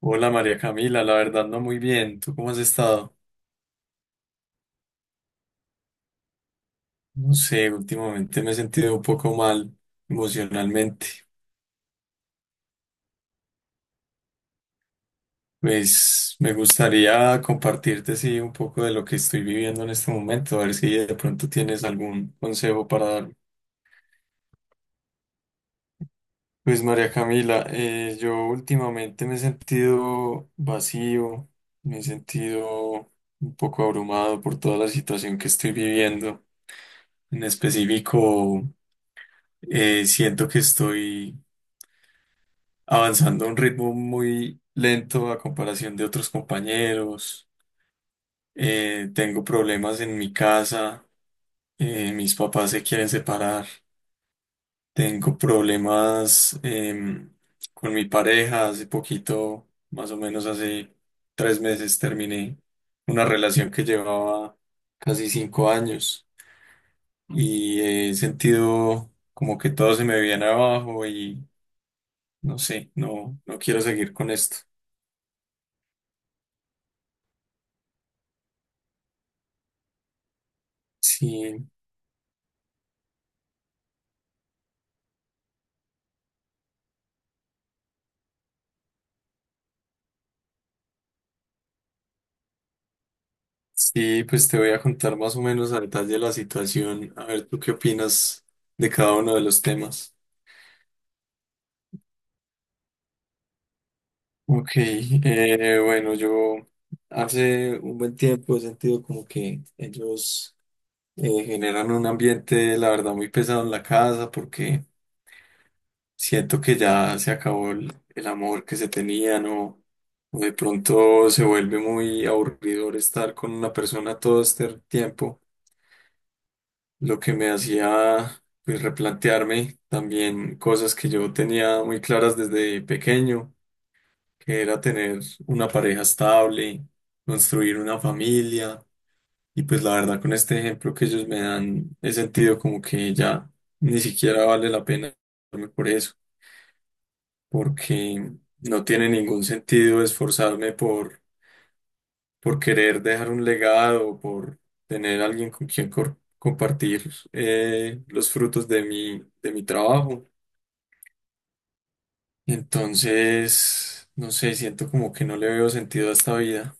Hola María Camila, la verdad no muy bien. ¿Tú cómo has estado? No sé, últimamente me he sentido un poco mal emocionalmente. Pues me gustaría compartirte sí un poco de lo que estoy viviendo en este momento, a ver si de pronto tienes algún consejo para darme. Pues María Camila, yo últimamente me he sentido vacío, me he sentido un poco abrumado por toda la situación que estoy viviendo. En específico, siento que estoy avanzando a un ritmo muy lento a comparación de otros compañeros. Tengo problemas en mi casa, mis papás se quieren separar. Tengo problemas con mi pareja. Hace poquito, más o menos hace 3 meses, terminé una relación que llevaba casi 5 años y he sentido como que todo se me viene abajo y no sé, no, no quiero seguir con esto. Sí, sí, pues te voy a contar más o menos a detalle la situación. A ver, ¿tú qué opinas de cada uno de los temas? Ok, bueno, yo hace un buen tiempo he sentido como que ellos generan un ambiente, la verdad, muy pesado en la casa porque siento que ya se acabó el amor que se tenían o de pronto se vuelve muy aburridor estar con una persona todo este tiempo. Lo que me hacía pues, replantearme también cosas que yo tenía muy claras desde pequeño, que era tener una pareja estable, construir una familia, y pues la verdad con este ejemplo que ellos me dan, he sentido como que ya ni siquiera vale la pena esforzarme por eso, porque no tiene ningún sentido esforzarme por querer dejar un legado, por tener alguien con quien compartir los frutos de de mi trabajo. Entonces, no sé, siento como que no le veo sentido a esta vida.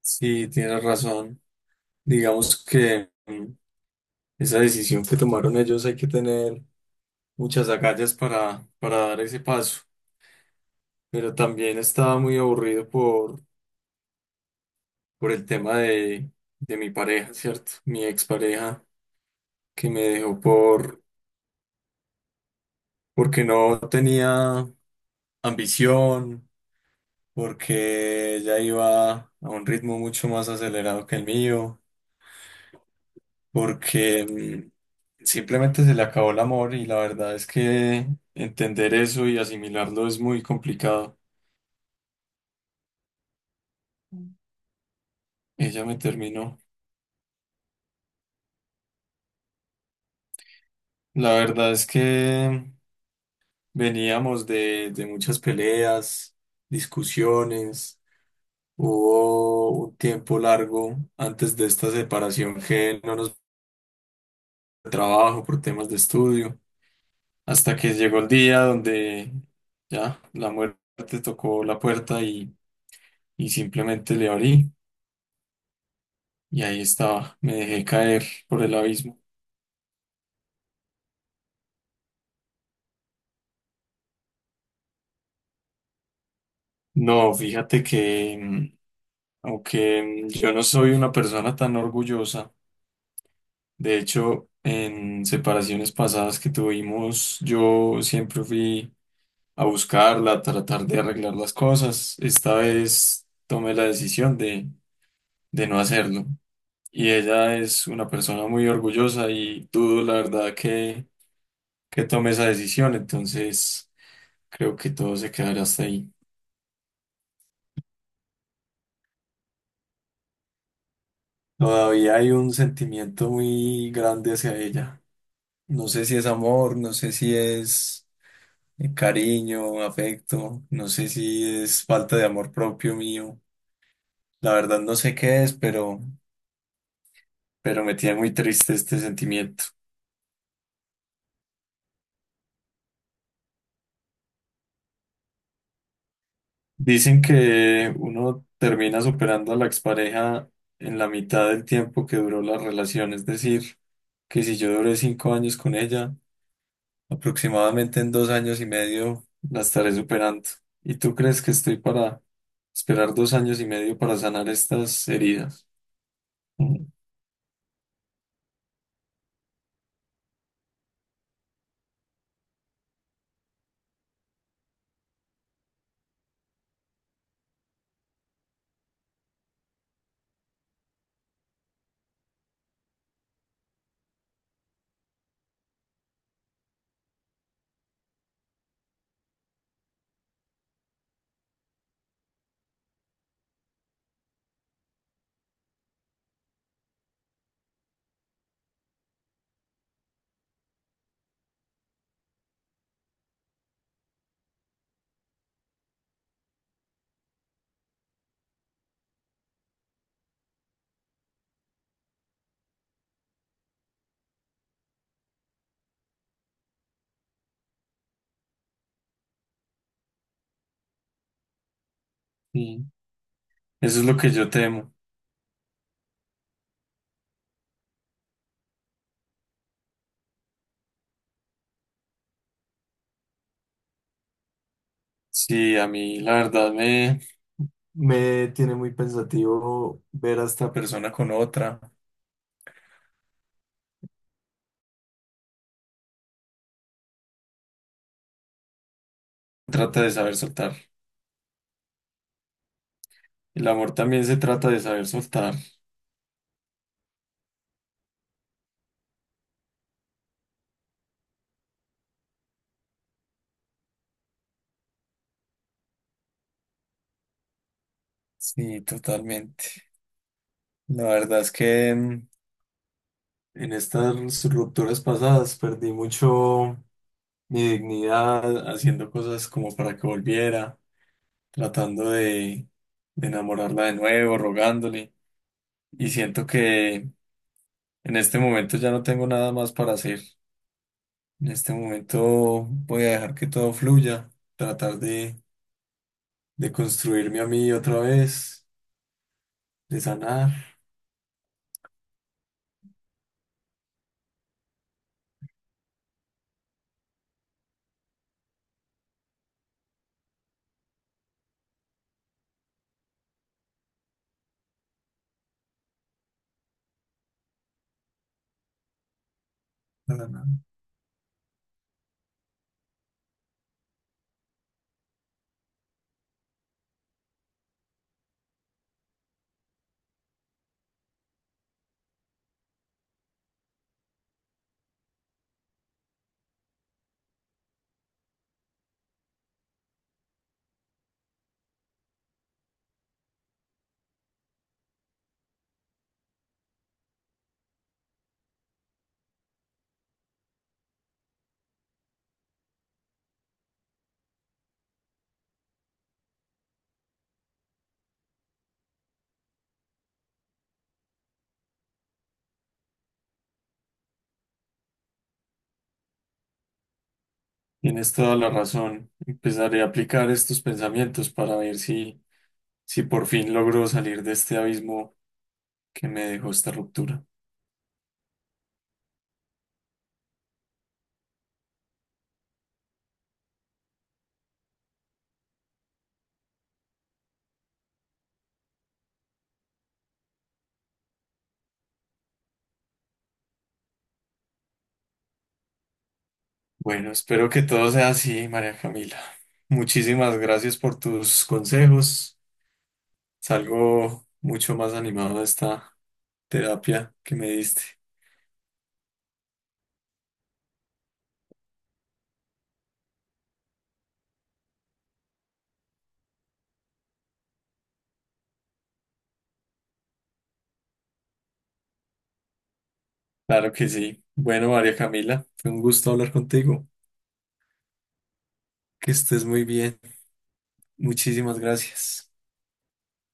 Sí, tienes razón. Digamos que esa decisión que tomaron ellos hay que tener muchas agallas para dar ese paso. Pero también estaba muy aburrido por el tema de mi pareja, ¿cierto? Mi expareja que me dejó por porque no tenía ambición, porque ya iba a un ritmo mucho más acelerado que el mío, porque simplemente se le acabó el amor y la verdad es que entender eso y asimilarlo es muy complicado. Ella me terminó. La verdad es que veníamos de muchas peleas, discusiones. Hubo un tiempo largo antes de esta separación que no nos trabajo, por temas de estudio, hasta que llegó el día donde ya la muerte tocó la puerta y simplemente le abrí y ahí estaba, me dejé caer por el abismo. No, fíjate que aunque yo no soy una persona tan orgullosa, de hecho, en separaciones pasadas que tuvimos, yo siempre fui a buscarla, a tratar de arreglar las cosas. Esta vez tomé la decisión de no hacerlo. Y ella es una persona muy orgullosa y dudo la verdad que tome esa decisión, entonces creo que todo se quedará hasta ahí. Todavía hay un sentimiento muy grande hacia ella. No sé si es amor, no sé si es cariño, afecto, no sé si es falta de amor propio mío. La verdad no sé qué es, pero me tiene muy triste este sentimiento. Dicen que uno termina superando a la expareja en la mitad del tiempo que duró la relación, es decir, que si yo duré 5 años con ella, aproximadamente en 2 años y medio la estaré superando. ¿Y tú crees que estoy para esperar 2 años y medio para sanar estas heridas? Mm, mm. Eso es lo que yo temo. Sí, a mí la verdad me, me tiene muy pensativo ver a esta persona con otra. Trata de saber soltar. El amor también se trata de saber soltar. Sí, totalmente. La verdad es que en estas rupturas pasadas perdí mucho mi dignidad haciendo cosas como para que volviera, tratando de enamorarla de nuevo, rogándole. Y siento que en este momento ya no tengo nada más para hacer. En este momento voy a dejar que todo fluya, tratar de construirme a mí otra vez, de sanar. Sanar. Tienes toda la razón. Empezaré a aplicar estos pensamientos para ver si, si por fin logro salir de este abismo que me dejó esta ruptura. Bueno, espero que todo sea así, María Camila. Muchísimas gracias por tus consejos. Salgo mucho más animado de esta terapia que me diste. Claro que sí. Bueno, María Camila, fue un gusto hablar contigo. Que estés muy bien. Muchísimas gracias.